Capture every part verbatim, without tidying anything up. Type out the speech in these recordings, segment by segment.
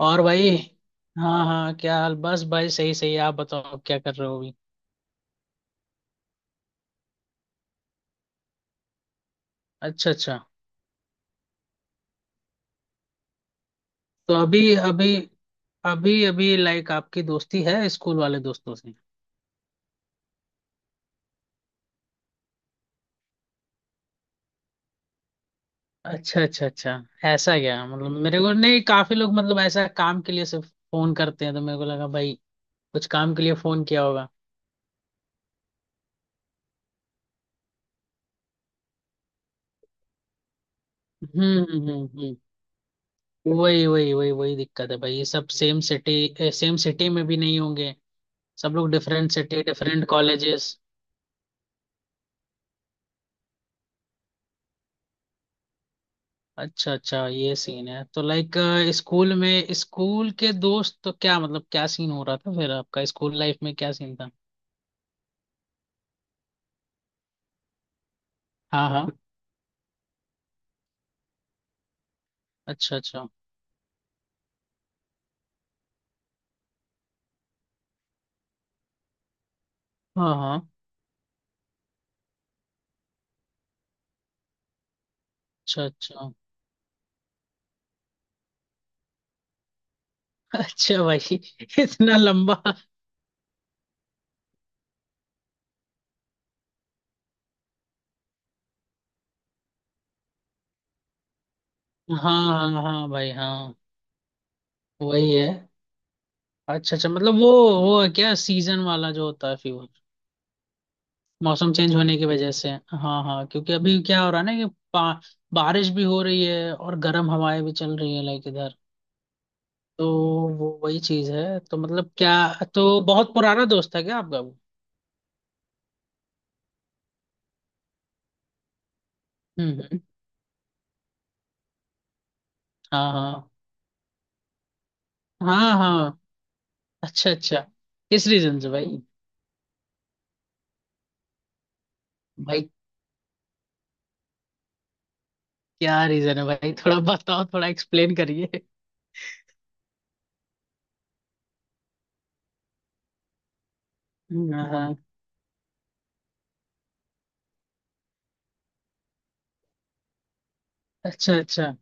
और भाई। हाँ हाँ, क्या हाल? बस भाई, सही सही आप बताओ, क्या कर रहे हो अभी? अच्छा अच्छा। तो अभी अभी अभी अभी लाइक आपकी दोस्ती है स्कूल वाले दोस्तों से? अच्छा अच्छा अच्छा। ऐसा क्या? मतलब मेरे को नहीं, काफी लोग मतलब ऐसा काम के लिए सिर्फ फोन करते हैं, तो मेरे को लगा भाई कुछ काम के लिए फोन किया होगा। हम्म हम्म हम्म हम्म। वही वही वही वही दिक्कत है भाई, ये सब सेम सिटी सेम सिटी में भी नहीं होंगे। सब लोग डिफरेंट सिटी, डिफरेंट कॉलेजेस। अच्छा अच्छा, ये सीन है तो। लाइक स्कूल में स्कूल के दोस्त तो क्या मतलब, क्या सीन हो रहा था फिर? आपका स्कूल लाइफ में क्या सीन था? हाँ हाँ। अच्छा अच्छा। हाँ हाँ। अच्छा अच्छा अच्छा भाई। इतना लंबा। हाँ हाँ हाँ भाई हाँ। वही है। अच्छा अच्छा, मतलब वो। वो है क्या सीजन वाला जो होता है, फीवर? मौसम चेंज होने की वजह से। हाँ हाँ, क्योंकि अभी क्या हो रहा है ना कि पा- बारिश भी हो रही है और गर्म हवाएं भी चल रही है, लाइक इधर। तो वो वही चीज है, तो मतलब क्या। तो बहुत पुराना दोस्त है क्या आपका वो? हम्म हम्म। हाँ हाँ हाँ हाँ। अच्छा अच्छा। किस रीजन से भाई? भाई, क्या रीजन है भाई? थोड़ा बताओ, थोड़ा एक्सप्लेन करिए। हम्म, हाँ हाँ। अच्छा अच्छा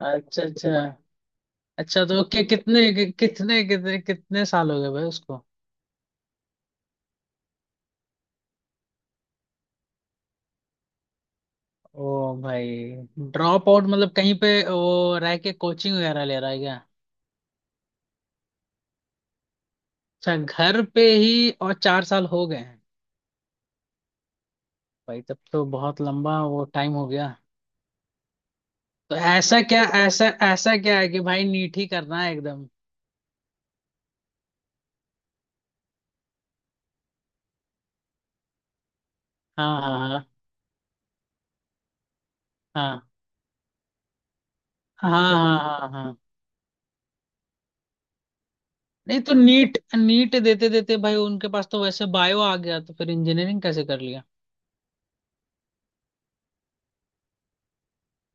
अच्छा। अच्छा अच्छा तो कि, कितने कि, कितने कितने कितने साल हो गए भाई उसको? ओ भाई। ड्रॉप आउट मतलब कहीं पे वो रह के कोचिंग वगैरह ले रहा है क्या? अच्छा, घर पे ही। और चार साल हो गए? भाई, तब तो बहुत लंबा वो टाइम हो गया। तो ऐसा क्या ऐसा ऐसा क्या है कि भाई नीट ही करना है एकदम? हाँ हाँ हाँ हाँ हाँ। हाँ हाँ हाँ। नहीं तो नीट नीट देते देते भाई उनके पास तो वैसे बायो आ गया, तो फिर इंजीनियरिंग कैसे कर लिया?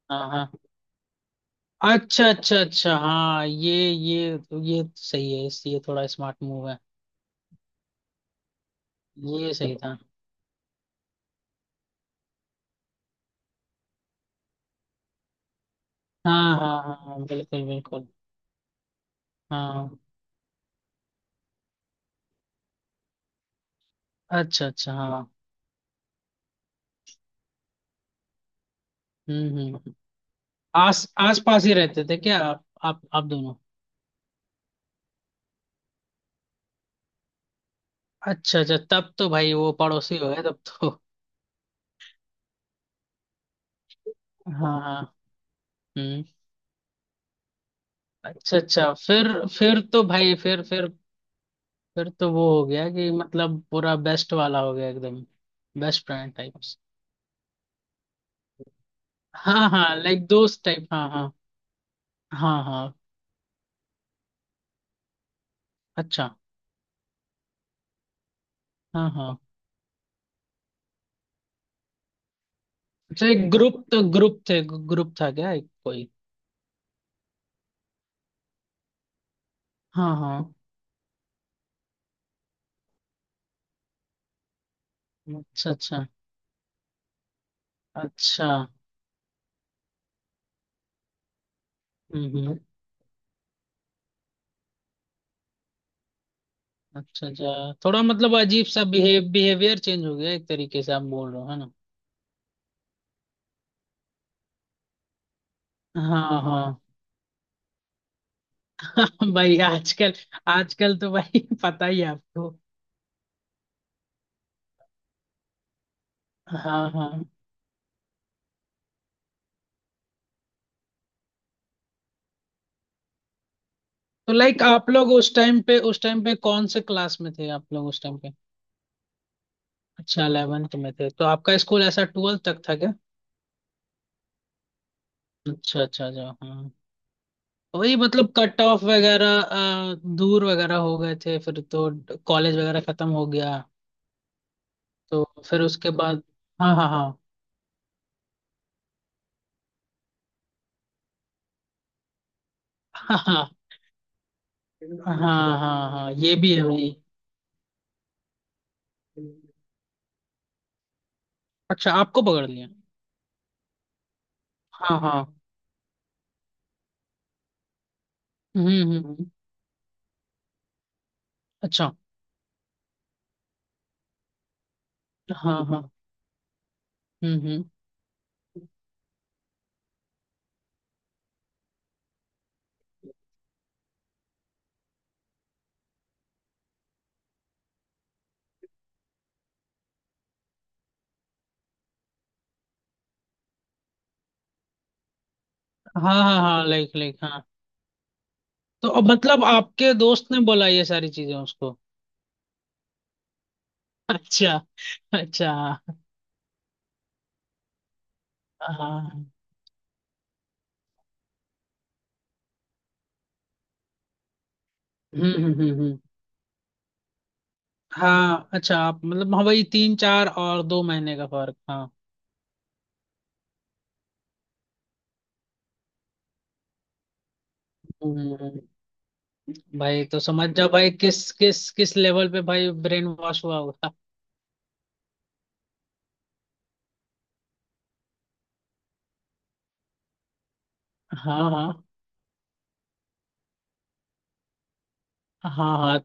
हाँ हाँ। अच्छा अच्छा अच्छा हाँ, ये ये ये सही है, इस- ये थोड़ा स्मार्ट मूव है। ये सही था। हाँ हाँ हाँ हाँ, बिल्कुल बिल्कुल। हाँ। अच्छा अच्छा हाँ। हम्म हम्म। आस आस पास ही रहते थे क्या आप आप आप दोनों? अच्छा अच्छा, तब तो भाई वो पड़ोसी हो गए तब तो। हाँ हाँ। हम्म। अच्छा अच्छा, फिर? फिर तो भाई फिर फिर फिर तो वो हो गया कि मतलब पूरा बेस्ट वाला हो गया एकदम। Best friend type. हाँ हाँ, लाइक दोस्त टाइप, हाँ हाँ। हाँ हाँ। अच्छा। हाँ हाँ। अच्छा, एक ग्रुप तो, ग्रुप थे, ग्रुप था क्या एक कोई? हाँ हाँ। अच्छा अच्छा अच्छा। हम्म हम्म। अच्छा अच्छा, थोड़ा मतलब अजीब सा बिहेव बिहेवियर चेंज हो गया एक तरीके से, आप बोल रहे हो, है ना? हाँ हाँ। भाई आजकल, आजकल तो भाई पता ही है आपको। हाँ हाँ। तो लाइक आप लोग उस टाइम पे, उस टाइम पे कौन से क्लास में थे आप लोग उस टाइम पे? अच्छा, इलेवेंथ में थे तो? आपका स्कूल ऐसा ट्वेल्थ तक था क्या? अच्छा अच्छा अच्छा हाँ। वही मतलब कट ऑफ वगैरह, अ, दूर वगैरह हो गए थे फिर तो, कॉलेज वगैरह खत्म हो गया? तो फिर उसके बाद? हाँ हाँ हाँ हाँ हाँ हाँ हाँ हाँ, ये भी है भाई। अच्छा, आपको पकड़ लिया? हाँ हाँ। हम्म हम्म हम्म। अच्छा। हाँ हाँ। हम्म हम्म। हाँ हाँ हाँ, लाइक लाइक हाँ। तो अब मतलब आपके दोस्त ने बोला ये सारी चीजें उसको? अच्छा अच्छा हाँ हाँ। हम्म हम्म हम्म हम्म। हाँ अच्छा, आप मतलब, हाँ भाई, तीन चार और दो महीने का फर्क, हाँ। हम्म हम्म। भाई तो समझ जाओ भाई, किस किस किस लेवल पे भाई ब्रेन वॉश हुआ होगा। हाँ हाँ हाँ हाँ।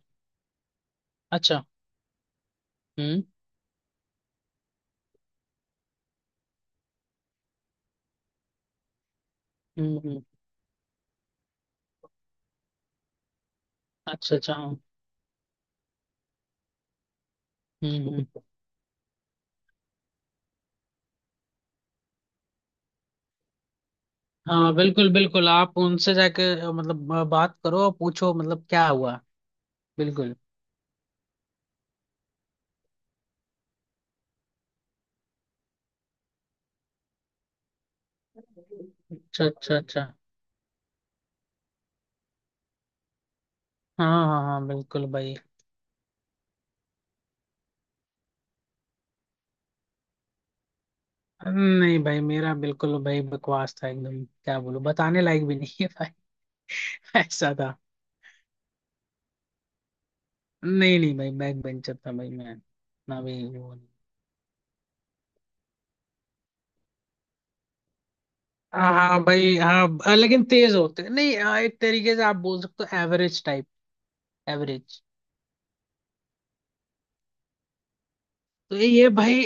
अच्छा। हम्म हम्म हम्म। अच्छा अच्छा हाँ। हम्म हम्म। हाँ बिल्कुल बिल्कुल, आप उनसे जाके अ, मतलब अ, बात करो और पूछो, मतलब क्या हुआ। बिल्कुल। अच्छा अच्छा अच्छा। हाँ हाँ हाँ, बिल्कुल भाई। नहीं भाई, मेरा बिल्कुल भाई बकवास था एकदम, क्या बोलूं, बताने लायक भी नहीं है भाई। ऐसा था। नहीं नहीं भाई, बैक बेंचर था भाई मैं। ना भी वो नहीं। हाँ हाँ भाई हाँ, अ, लेकिन तेज होते नहीं, हाँ, एक तरीके से आप बोल सकते हो एवरेज टाइप। एवरेज। तो ये भाई,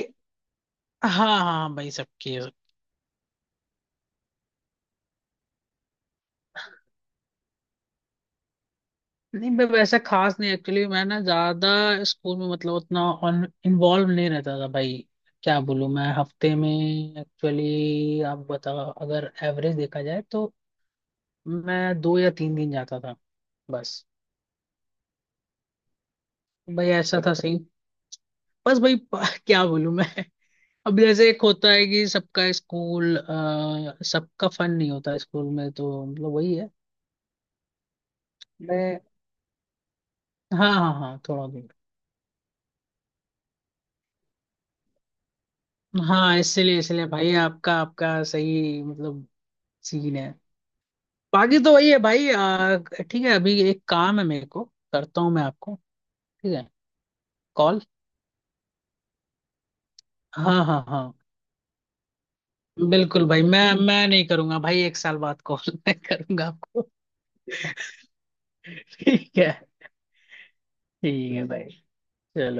हाँ हाँ भाई, सबकी है। नहीं मैं वैसा खास नहीं, एक्चुअली मैं ना ज्यादा स्कूल में मतलब उतना ऑन इन्वॉल्व नहीं रहता था भाई। क्या बोलूँ, मैं हफ्ते में, एक्चुअली आप बताओ, अगर एवरेज देखा जाए तो मैं दो या तीन दिन जाता था बस। भाई ऐसा था सही, बस भाई, प- क्या बोलूँ मैं। अब जैसे एक होता है कि सबका स्कूल अ, सबका फन नहीं होता स्कूल में, तो मतलब वही है। मैं, हाँ हाँ हाँ, थोड़ा दूर। हाँ, इसलिए इसलिए भाई, आपका आपका सही मतलब सीन है। बाकी तो वही है भाई, आ, ठीक है, अभी एक काम है मेरे को, करता हूँ मैं आपको, ठीक है, कॉल। हाँ हाँ हाँ, बिल्कुल भाई, मैं मैं नहीं करूंगा भाई एक साल बाद कॉल, मैं करूंगा आपको। ठीक है, ठीक है भाई, चलो।